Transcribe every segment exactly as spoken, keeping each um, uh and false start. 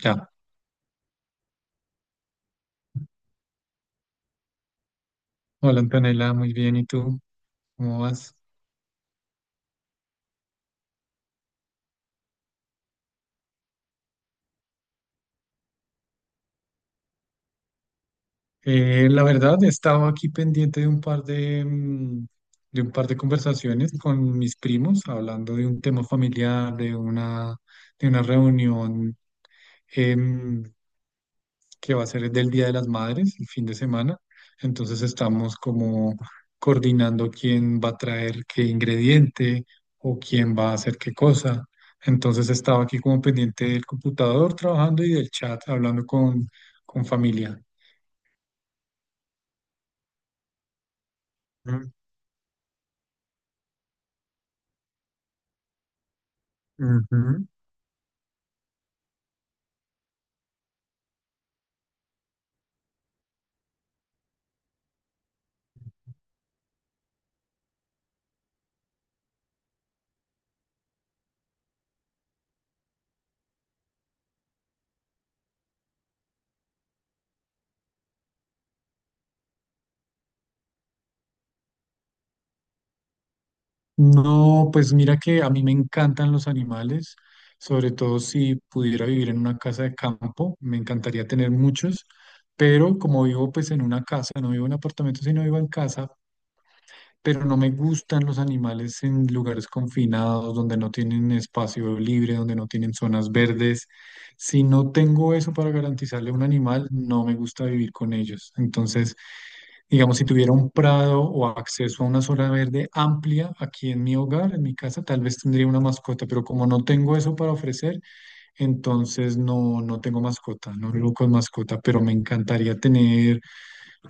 Ya, hola Antonella, muy bien, ¿y tú? ¿Cómo vas? Eh, la verdad, he estado aquí pendiente de un par de, mm, de un par de conversaciones con mis primos, hablando de un tema familiar, de una, de una reunión em, que va a ser del Día de las Madres, el fin de semana. Entonces estamos como coordinando quién va a traer qué ingrediente o quién va a hacer qué cosa. Entonces estaba aquí como pendiente del computador trabajando y del chat hablando con, con familia. Ujú. No, pues mira que a mí me encantan los animales, sobre todo si pudiera vivir en una casa de campo, me encantaría tener muchos, pero como vivo pues en una casa, no vivo en apartamento, sino vivo en casa, pero no me gustan los animales en lugares confinados, donde no tienen espacio libre, donde no tienen zonas verdes. Si no tengo eso para garantizarle a un animal, no me gusta vivir con ellos. Entonces, digamos, si tuviera un prado o acceso a una zona verde amplia aquí en mi hogar, en mi casa, tal vez tendría una mascota, pero como no tengo eso para ofrecer, entonces no, no tengo mascota, no vivo con mascota, pero me encantaría tener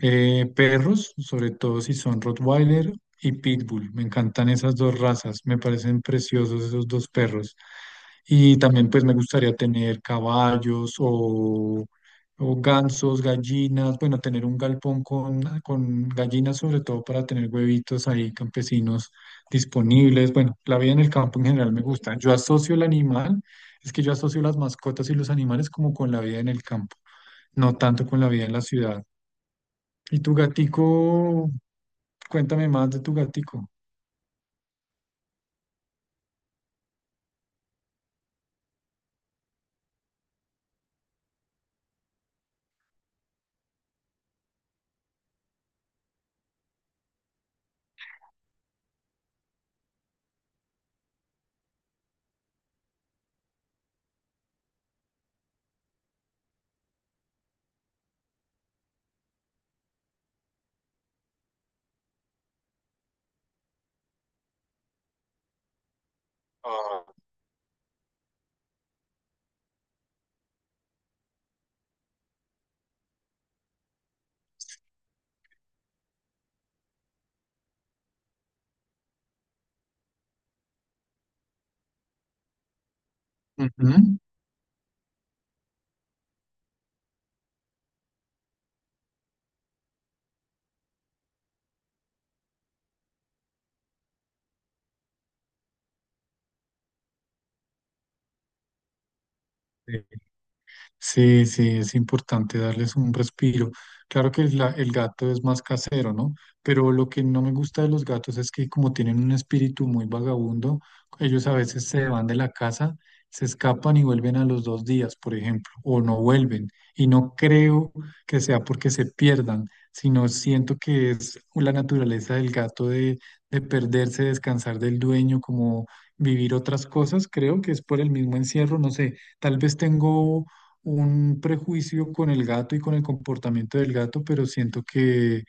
eh, perros, sobre todo si son Rottweiler y Pitbull. Me encantan esas dos razas, me parecen preciosos esos dos perros. Y también pues me gustaría tener caballos o, o gansos, gallinas, bueno, tener un galpón con, con gallinas sobre todo para tener huevitos ahí campesinos disponibles. Bueno, la vida en el campo en general me gusta. Yo asocio el animal, es que yo asocio las mascotas y los animales como con la vida en el campo, no tanto con la vida en la ciudad. ¿Y tu gatico? Cuéntame más de tu gatico. Ah. Ujú. Sí, sí, es importante darles un respiro. Claro que el, la- el gato es más casero, ¿no? Pero lo que no me gusta de los gatos es que como tienen un espíritu muy vagabundo, ellos a veces se van de la casa, se escapan y vuelven a los dos días, por ejemplo, o no vuelven. Y no creo que sea porque se pierdan, sino siento que es la naturaleza del gato de, de perderse, descansar del dueño, como vivir otras cosas. Creo que es por el mismo encierro, no sé. Tal vez tengo un prejuicio con el gato y con el comportamiento del gato, pero siento que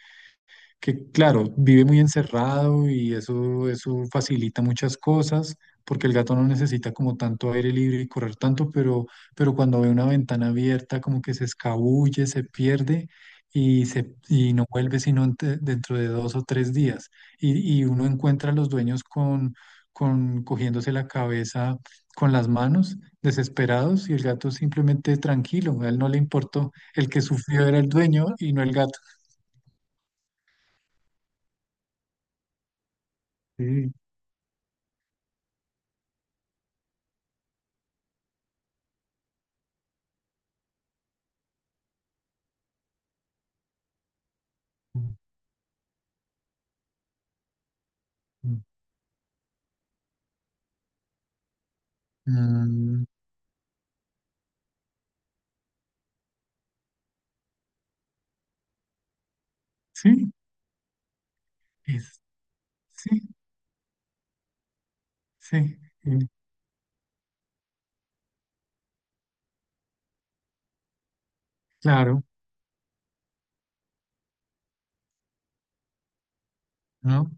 que claro, vive muy encerrado y eso, eso facilita muchas cosas, porque el gato no necesita como tanto aire libre y correr tanto, pero, pero cuando ve una ventana abierta como que se escabulle, se pierde y, se, y no vuelve sino ante- dentro de dos o tres días. Y, y uno encuentra a los dueños con, con cogiéndose la cabeza con las manos, desesperados, y el gato simplemente tranquilo, a él no le importó, el que sufrió era el dueño y no el gato. Sí. Mm, sí, es, sí, sí, eh, claro, ¿no?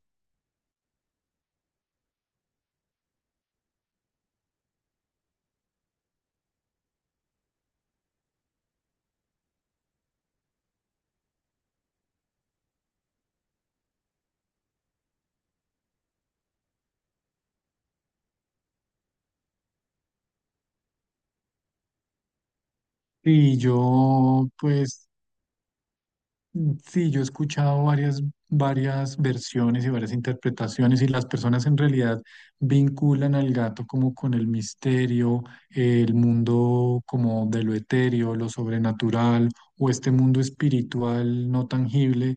Y yo, pues, sí, yo he escuchado varias, varias versiones y varias interpretaciones y las personas en realidad vinculan al gato como con el misterio, el mundo como de lo etéreo, lo sobrenatural o este mundo espiritual no tangible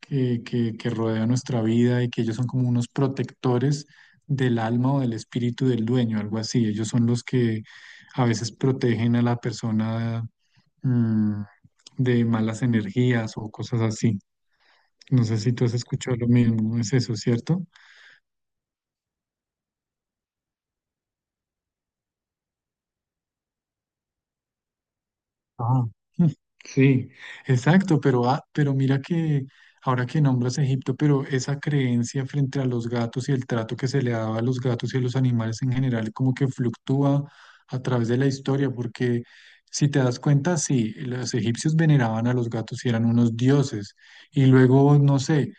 que, que, que rodea nuestra vida y que ellos son como unos protectores del alma o del espíritu del dueño, algo así. Ellos son los que a veces protegen a la persona mm, de malas energías o cosas así. No sé si tú has escuchado lo mismo, es eso, ¿cierto? Ah, mm, sí, exacto, pero, ah, pero mira que ahora que nombras Egipto, pero esa creencia frente a los gatos y el trato que se le daba a los gatos y a los animales en general como que fluctúa a través de la historia, porque si te das cuenta, sí, los egipcios veneraban a los gatos y eran unos dioses, y luego, no sé,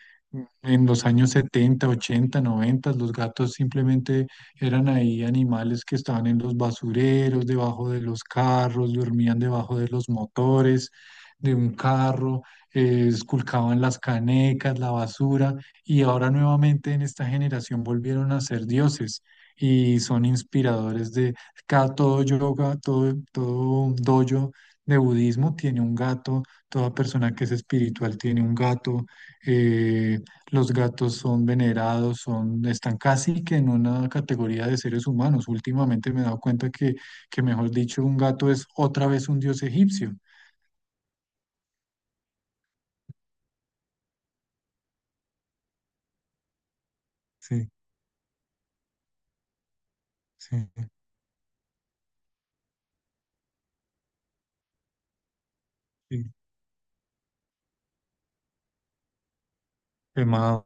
en los años setenta, ochenta, noventa, los gatos simplemente eran ahí animales que estaban en los basureros, debajo de los carros, dormían debajo de los motores de un carro, eh, esculcaban las canecas, la basura, y ahora nuevamente en esta generación volvieron a ser dioses y son inspiradores de cada todo yoga, todo, todo dojo de budismo tiene un gato, toda persona que es espiritual tiene un gato. eh, los gatos son venerados, son, están casi que en una categoría de seres humanos. Últimamente me he dado cuenta que, que, mejor dicho, un gato es otra vez un dios egipcio. Sí, sí, sí. ¿Qué más?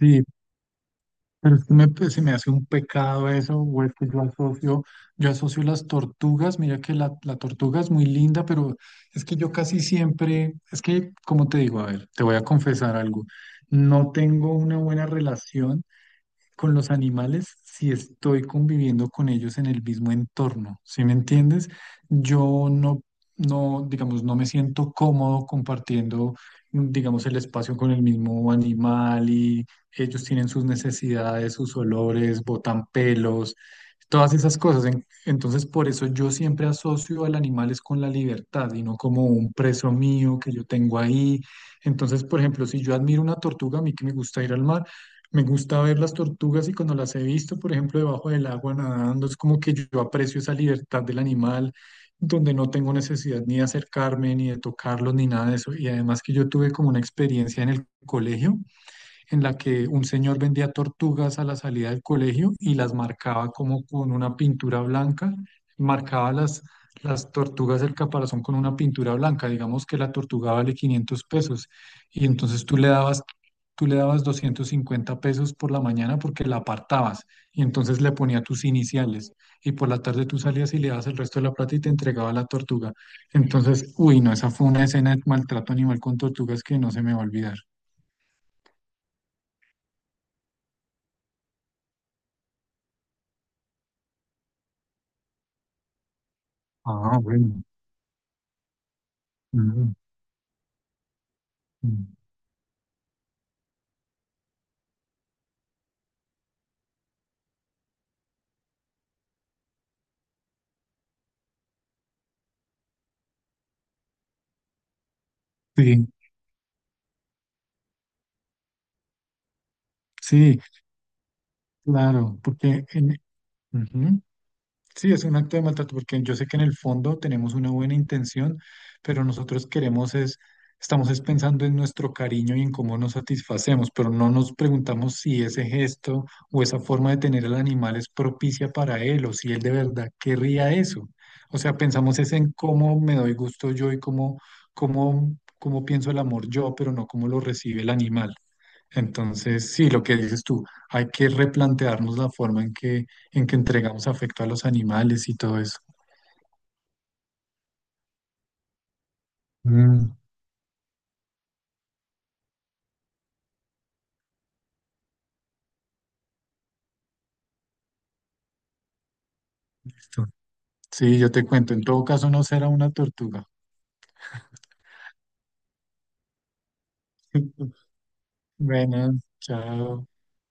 Sí, pero es que me, pues, se me hace un pecado eso, o es que yo asocio, yo asocio las tortugas, mira que la, la tortuga es muy linda, pero es que yo casi siempre, es que, como te digo, a ver, te voy a confesar algo, no tengo una buena relación con los animales si estoy conviviendo con ellos en el mismo entorno, ¿sí me entiendes? Yo no, no, Digamos, no me siento cómodo compartiendo, digamos, el espacio con el mismo animal y ellos tienen sus necesidades, sus olores, botan pelos, todas esas cosas. En- Entonces, por eso yo siempre asocio al animal es con la libertad y no como un preso mío que yo tengo ahí. Entonces, por ejemplo, si yo admiro una tortuga, a mí que me gusta ir al mar, me gusta ver las tortugas y cuando las he visto, por ejemplo, debajo del agua nadando, es como que yo aprecio esa libertad del animal, donde no tengo necesidad ni de acercarme, ni de tocarlos, ni nada de eso. Y además que yo tuve como una experiencia en el colegio en la que un señor vendía tortugas a la salida del colegio y las marcaba como con una pintura blanca, marcaba las, las tortugas del caparazón con una pintura blanca, digamos que la tortuga vale quinientos pesos y entonces tú le dabas, tú le dabas doscientos cincuenta pesos por la mañana porque la apartabas y entonces le ponía tus iniciales y por la tarde tú salías y le dabas el resto de la plata y te entregaba la tortuga. Entonces, uy, no, esa fue una escena de maltrato animal con tortugas que no se me va a olvidar. Ah, bueno. Ujú, ujú. Sí, sí, claro, porque en- ujú, sí es un acto de maltrato, porque yo sé que en el fondo tenemos una buena intención, pero nosotros queremos es, estamos es pensando en nuestro cariño y en cómo nos satisfacemos, pero no nos preguntamos si ese gesto o esa forma de tener al animal es propicia para él o si él de verdad querría eso. O sea, pensamos es en cómo me doy gusto yo y cómo, cómo, cómo pienso el amor yo, pero no cómo lo recibe el animal. Entonces, sí, lo que dices tú, hay que replantearnos la forma en que, en que entregamos afecto a los animales y todo eso. Mm, Listo. Sí, yo te cuento, en todo caso no será una tortuga. Bueno, chao.